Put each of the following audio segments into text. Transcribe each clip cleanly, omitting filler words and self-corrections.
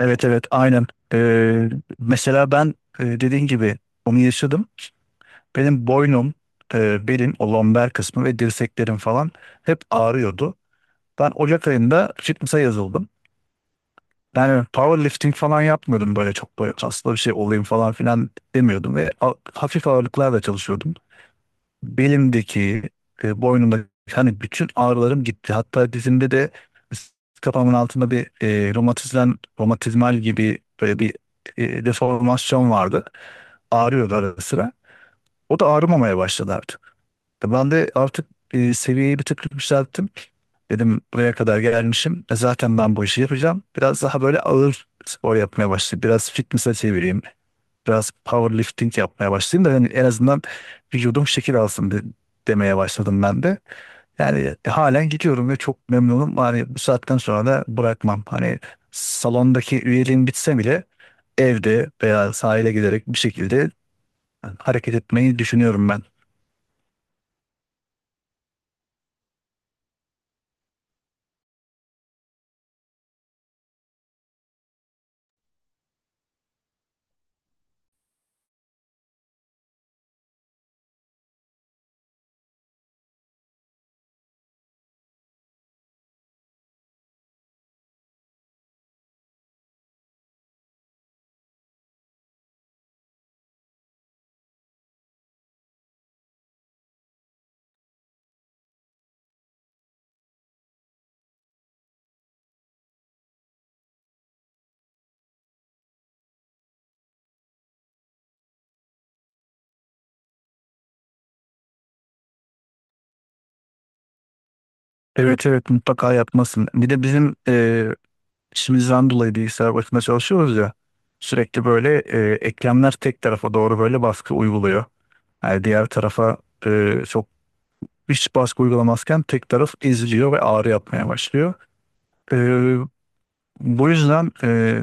Evet evet aynen. Ee, Mesela ben dediğin gibi onu yaşadım. Benim boynum, belim, o lomber kısmı ve dirseklerim falan hep ağrıyordu. Ben Ocak ayında fitness'a yazıldım. Yani powerlifting falan yapmıyordum, böyle çok böyle kaslı bir şey olayım falan filan demiyordum ve hafif ağırlıklarla çalışıyordum. Belimdeki, boynumdaki hani bütün ağrılarım gitti. Hatta dizimde de kafamın altında bir romatizmal, romatizmal gibi böyle bir deformasyon vardı. Ağrıyordu ara sıra. O da ağrımamaya başladı artık. Ben de artık seviyeyi bir tık yükselttim. Dedim buraya kadar gelmişim. Zaten ben bu işi yapacağım. Biraz daha böyle ağır spor yapmaya başladım. Biraz fitness'a çevireyim, biraz powerlifting yapmaya başlayayım da yani en azından vücudum şekil alsın demeye başladım ben de. Yani halen gidiyorum ve çok memnunum. Hani bu saatten sonra da bırakmam. Hani salondaki üyeliğim bitse bile evde veya sahile giderek bir şekilde hareket etmeyi düşünüyorum ben. Evet evet, mutlaka yapmasın. Bir de bizim işimizden dolayı bilgisayar başında çalışıyoruz ya, sürekli böyle eklemler tek tarafa doğru böyle baskı uyguluyor. Yani diğer tarafa çok hiç baskı uygulamazken tek taraf eziliyor ve ağrı yapmaya başlıyor. Ee, Bu yüzden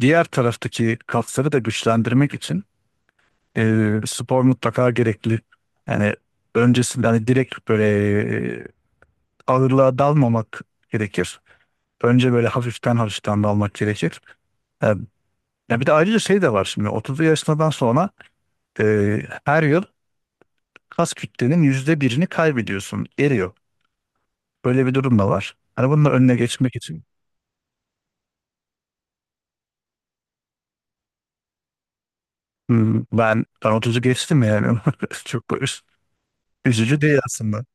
diğer taraftaki kasları da güçlendirmek için spor mutlaka gerekli. Yani öncesinde hani direkt böyle e, ağırlığa dalmamak gerekir. Önce böyle hafiften hafiften dalmak gerekir. Yani, ya bir de ayrıca şey de var, şimdi 30'lu yaşından sonra e, her yıl kas kütlenin %1'ini kaybediyorsun, eriyor. Böyle bir durum da var. Hani bunun da önüne geçmek için. Hmm, ben 30'u geçtim yani. Çok böyle üzücü değil aslında.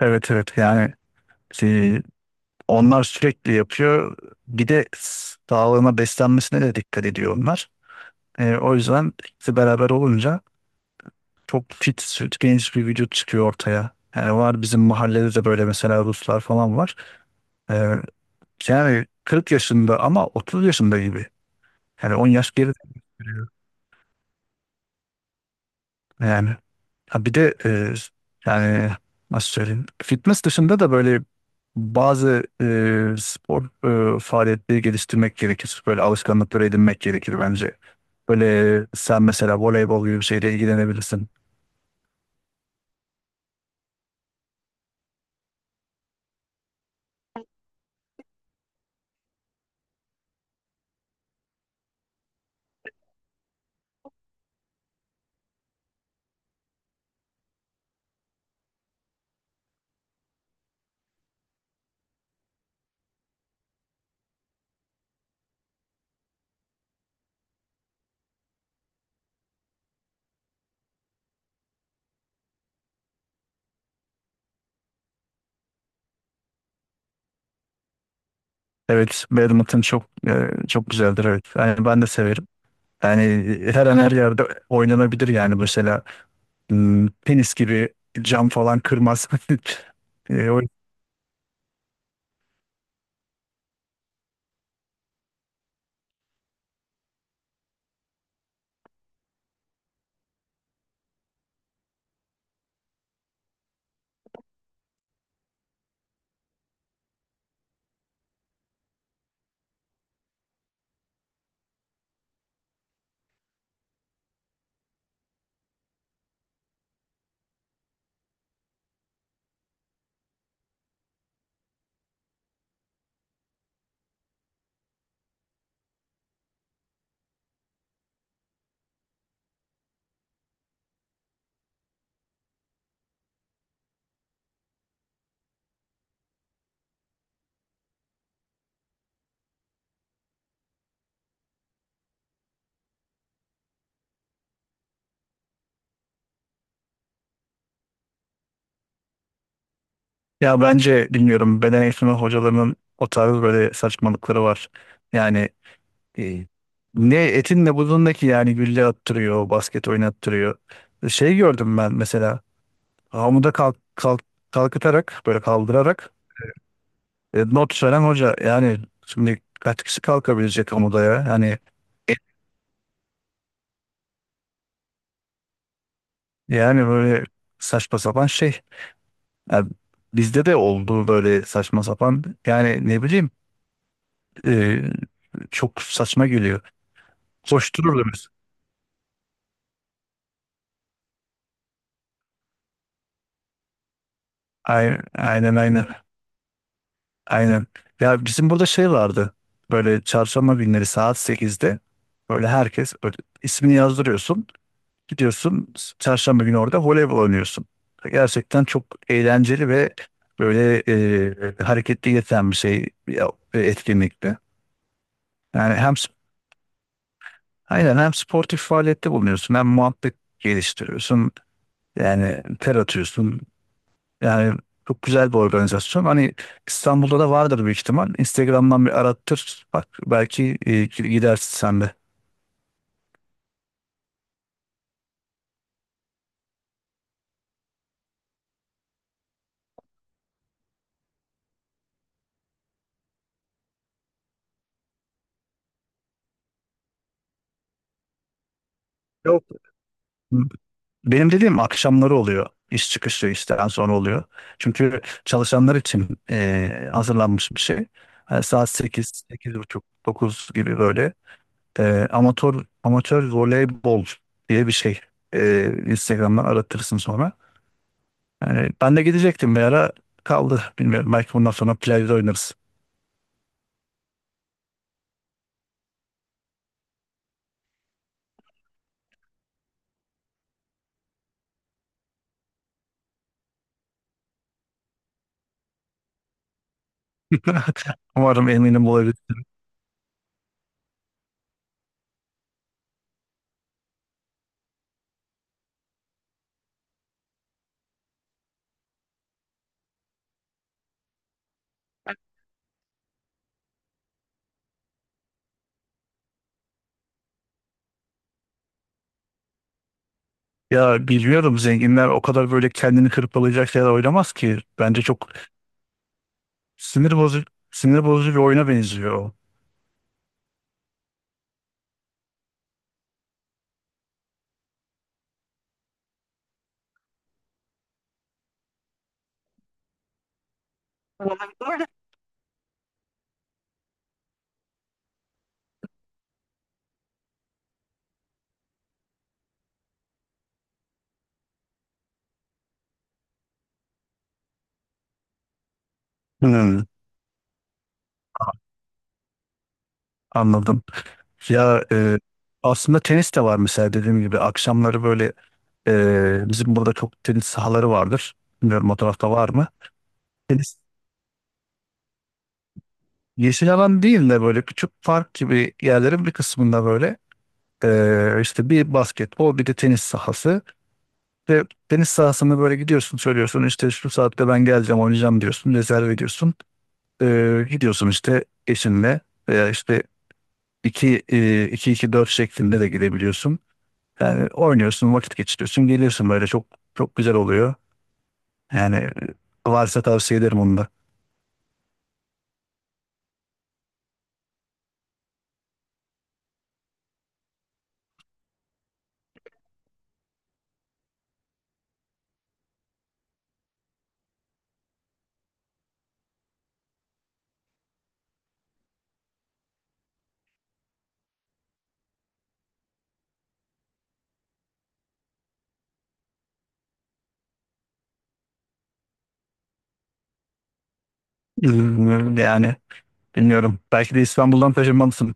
Evet evet, yani şey, onlar sürekli yapıyor. Bir de sağlığına, beslenmesine de dikkat ediyor onlar. O yüzden ikisi beraber olunca çok fit, süt, genç bir vücut çıkıyor ortaya. Yani var bizim mahallede de böyle, mesela Ruslar falan var. Ee, Yani 40 yaşında ama 30 yaşında gibi. Yani 10 yaş geride. Yani ha bir de yani nasıl söyleyeyim? Fitness dışında da böyle bazı spor faaliyetleri geliştirmek gerekir. Böyle alışkanlıkları edinmek gerekir bence. Böyle sen mesela voleybol gibi bir şeyle ilgilenebilirsin. Evet, badminton çok çok güzeldir evet. Yani ben de severim. Yani her an her yerde oynanabilir yani, mesela tenis gibi cam falan kırmaz. E, o- Ya bence bilmiyorum, beden eğitimi hocalarının o tarz böyle saçmalıkları var. Yani e, ne etin ne budundaki, yani gülle attırıyor, basket oynattırıyor. Şey gördüm ben mesela, hamuda kalk, kalk, kalkıtarak böyle, kaldırarak not veren hoca. Yani şimdi kaç kişi kalkabilecek hamuda ya? Yani böyle saçma sapan şey. Yani bizde de oldu böyle saçma sapan. Yani ne bileyim, e, çok saçma geliyor. Koştururdu biz. Aynen aynen. Aynen. Ya bizim burada şey vardı. Böyle çarşamba günleri saat 8'de böyle herkes böyle ismini yazdırıyorsun. Gidiyorsun çarşamba günü orada voleybol oynuyorsun. Gerçekten çok eğlenceli ve böyle hareketli geçen bir şey ya, etkinlikti. Yani hem, aynen, hem sportif faaliyette bulunuyorsun hem muhabbet geliştiriyorsun. Yani ter atıyorsun. Yani çok güzel bir organizasyon. Hani İstanbul'da da vardır büyük ihtimal. Instagram'dan bir arattır. Bak belki gidersin sen de. Yok. Benim dediğim akşamları oluyor. İş çıkışı, işten sonra oluyor. Çünkü çalışanlar için hazırlanmış bir şey. Yani saat sekiz, sekiz buçuk, 9 gibi böyle. Amatör amatör voleybol diye bir şey. Instagram'dan aratırsın sonra. Yani ben de gidecektim bir ara, kaldı. Bilmiyorum, belki bundan sonra plajda oynarız. Umarım, eminim olabilir. Ya bilmiyorum, zenginler o kadar böyle kendini hırpalayacak şeyler oynamaz ki. Bence çok sinir bozucu sinir bozucu bir oyuna benziyor. O. Hmm, anladım. Ya, aslında tenis de var mesela, dediğim gibi akşamları böyle. Bizim burada çok tenis sahaları vardır. Bilmiyorum, o tarafta var mı? Tenis yeşil alan değil de böyle küçük park gibi yerlerin bir kısmında böyle işte bir basketbol, bir de tenis sahası. Ve tenis sahasını böyle gidiyorsun, söylüyorsun işte şu saatte ben geleceğim, oynayacağım diyorsun, rezerv ediyorsun. Gidiyorsun işte eşinle veya işte iki, 2 iki, 4 şeklinde de gidebiliyorsun. Yani oynuyorsun, vakit geçiriyorsun, geliyorsun, böyle çok çok güzel oluyor. Yani varsa tavsiye ederim onu da. Ee, Yani bilmiyorum. Belki de İstanbul'dan taşınmalısın.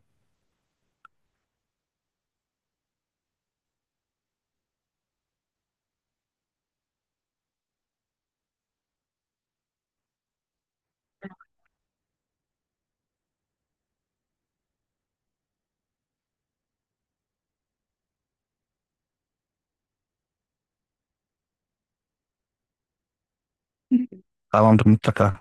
Tamamdır, mutlaka.